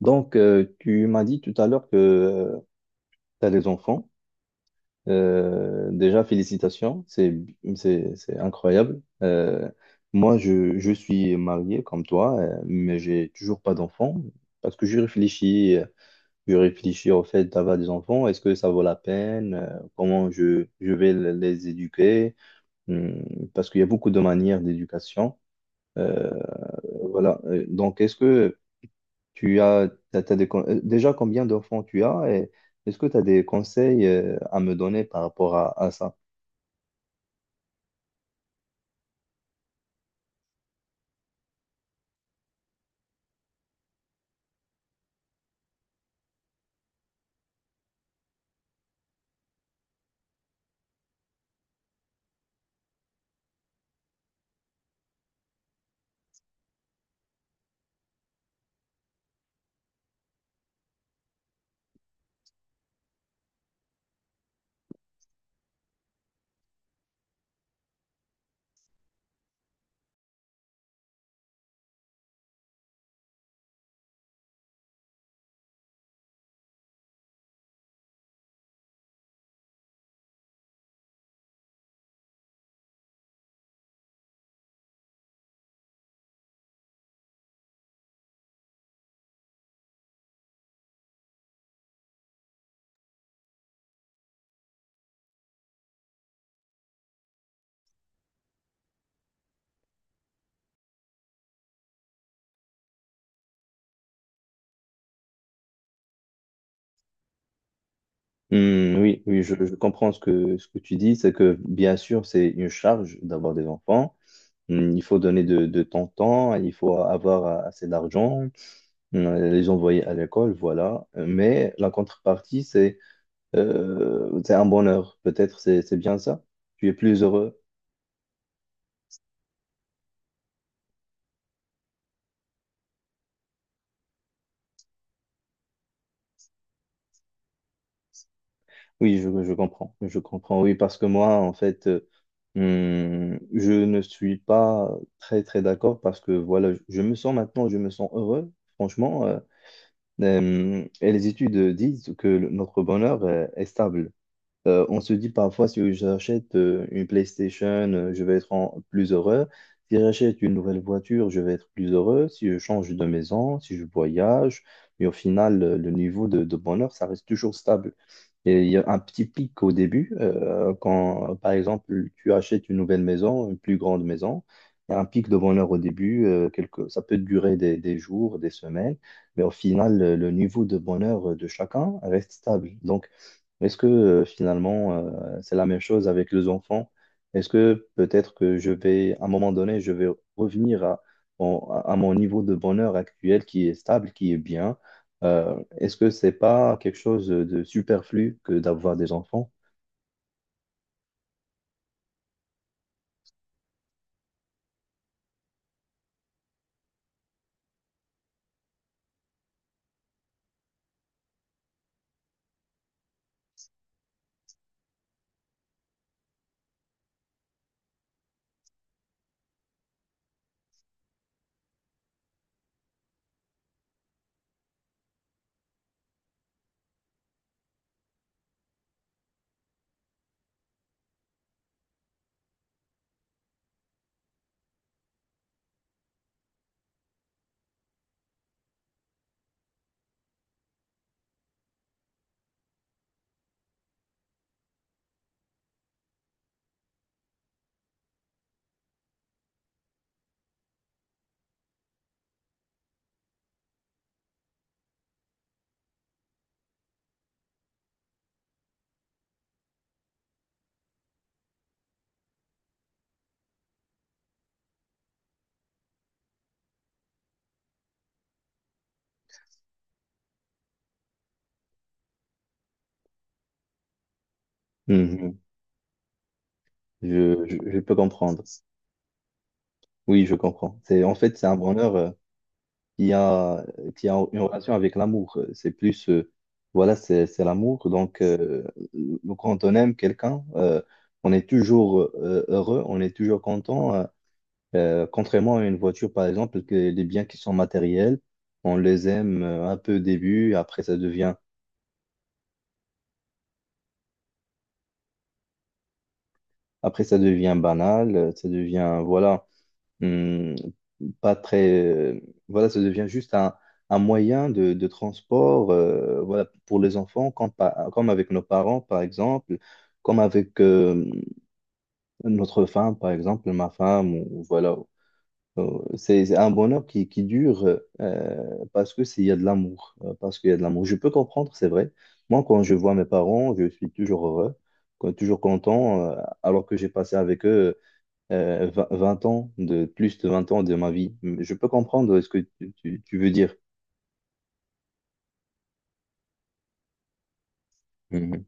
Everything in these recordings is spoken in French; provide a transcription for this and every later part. Tu m'as dit tout à l'heure que tu as des enfants. Déjà, félicitations, c'est incroyable. Moi, je suis marié comme toi, mais j'ai toujours pas d'enfants parce que je réfléchis au fait d'avoir des enfants. Est-ce que ça vaut la peine? Comment je vais les éduquer? Hum. Parce qu'il y a beaucoup de manières d'éducation. Euh, voilà. Donc, est-ce que Tu as, t'as- t'as des con- déjà combien d'enfants tu as et est-ce que tu as des conseils à me donner par rapport à ça? Hmm, oui, oui, je comprends ce ce que tu dis, c'est que bien sûr, c'est une charge d'avoir des enfants. Hmm. Il faut donner de ton temps, il faut avoir assez d'argent, hmm, les envoyer à l'école, voilà. Mais la contrepartie, c'est un bonheur. Peut-être c'est bien ça. Tu es plus heureux. Oui, je comprends. Je comprends, oui, parce que moi, en fait, je ne suis pas très, très d'accord parce que, voilà, je me sens maintenant, je me sens heureux, franchement. Et les études disent que notre bonheur, est stable. On se dit parfois, si j'achète une PlayStation, je vais être plus heureux. Si j'achète une nouvelle voiture, je vais être plus heureux. Si je change de maison, si je voyage. Mais au final, le niveau de bonheur, ça reste toujours stable. Et il y a un petit pic au début, quand, par exemple, tu achètes une nouvelle maison, une plus grande maison. Il y a un pic de bonheur au début, ça peut durer des jours, des semaines, mais au final, le niveau de bonheur de chacun reste stable. Donc, est-ce que finalement, c'est la même chose avec les enfants? Est-ce que peut-être que je vais, à un moment donné, je vais revenir à mon niveau de bonheur actuel qui est stable, qui est bien? Est-ce que c'est pas quelque chose de superflu que d'avoir des enfants? Mhm. Je peux comprendre. Oui, je comprends. C'est, en fait, c'est un bonheur. Qui a, qui a une relation avec l'amour. C'est plus, voilà, c'est l'amour. Donc, quand on aime quelqu'un, on est toujours heureux, on est toujours content. Contrairement à une voiture, par exemple, que les biens qui sont matériels, on les aime un peu au début, après ça devient banal, ça devient, voilà. hum, Pas très. Voilà, ça devient juste un moyen de transport voilà, pour les enfants, comme, comme avec nos parents, par exemple, comme avec notre femme, par exemple, ma femme, ou voilà. C'est un bonheur qui dure il y a de l'amour, parce qu'il y a de l'amour. Je peux comprendre, c'est vrai. Moi, quand je vois mes parents, je suis toujours heureux, toujours content, alors que j'ai passé avec eux 20 ans, de plus de 20 ans de ma vie. Je peux comprendre ce que tu veux dire. Mhm,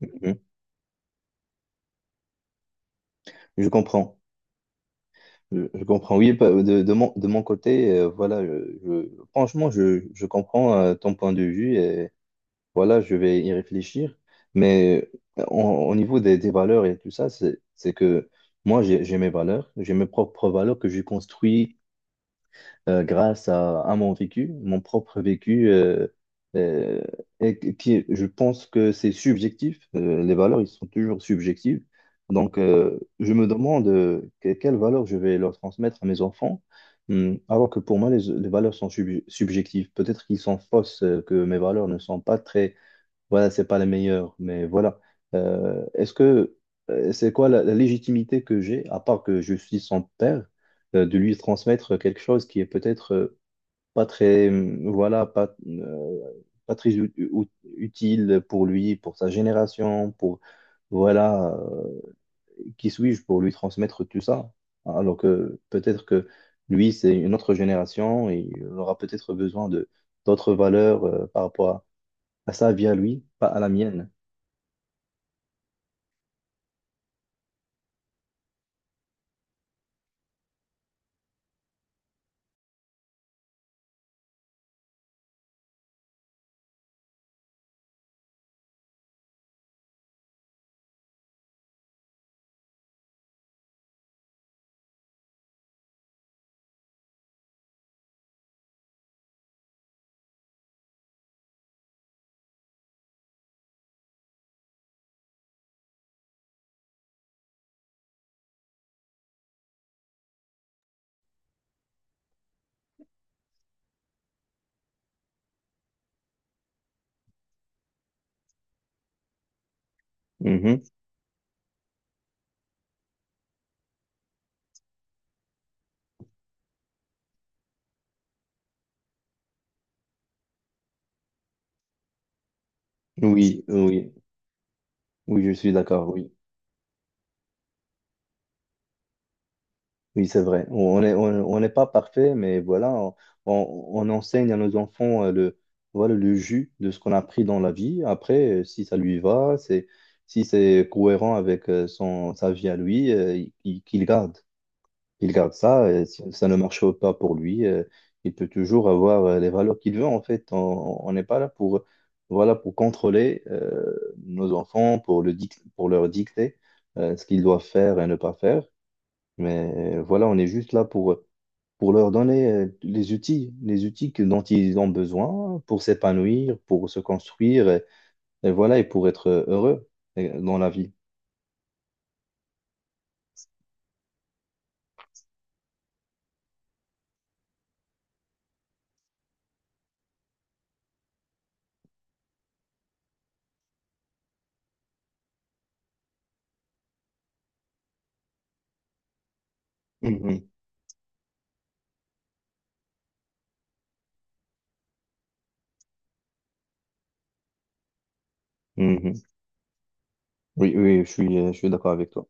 mhm. Je comprends. Je comprends. Oui, de mon côté, voilà, franchement, je comprends ton point de vue et voilà, je vais y réfléchir. Mais au niveau des valeurs et tout ça, c'est que moi, j'ai mes valeurs, j'ai mes propres valeurs que j'ai construites grâce à mon vécu, mon propre vécu, euh, et qui, je pense que c'est subjectif. Les valeurs, ils sont toujours subjectives. Donc, je me demande quelles valeurs je vais leur transmettre à mes enfants. Alors que pour moi, les valeurs sont subjectives. Peut-être qu'ils sont fausses, que mes valeurs ne sont pas très, voilà, c'est pas la meilleure, mais voilà. Est-ce que c'est quoi la légitimité que j'ai, à part que je suis son père, de lui transmettre quelque chose qui est peut-être pas très, voilà, pas, pas très ut- ut- utile pour lui, pour sa génération, pour voilà, qui suis-je pour lui transmettre tout ça? Alors que peut-être que lui, c'est une autre génération et il aura peut-être besoin de d'autres valeurs par rapport à sa vie à lui, pas à la mienne. Mhm. Oui, oui, oui, je suis d'accord, oui. Oui, c'est vrai. On n'est pas parfait, mais voilà, on- on enseigne à nos enfants voilà, le jus de ce qu'on a appris dans la vie. Après, si ça lui va, c'est, si c'est cohérent avec sa vie à lui, qu'il garde. Il garde ça, et si ça ne marche pas pour lui, il peut toujours avoir les valeurs qu'il veut. En fait, on n'est pas là pour, voilà, pour contrôler nos enfants, pour leur dicter ce qu'ils doivent faire et ne pas faire. Mais voilà, on est juste là pour leur donner les outils, dont ils ont besoin pour s'épanouir, pour se construire, et voilà, et pour être heureux dans la vie. Mhm. Mhm. Oui, oui, je suis d'accord avec toi.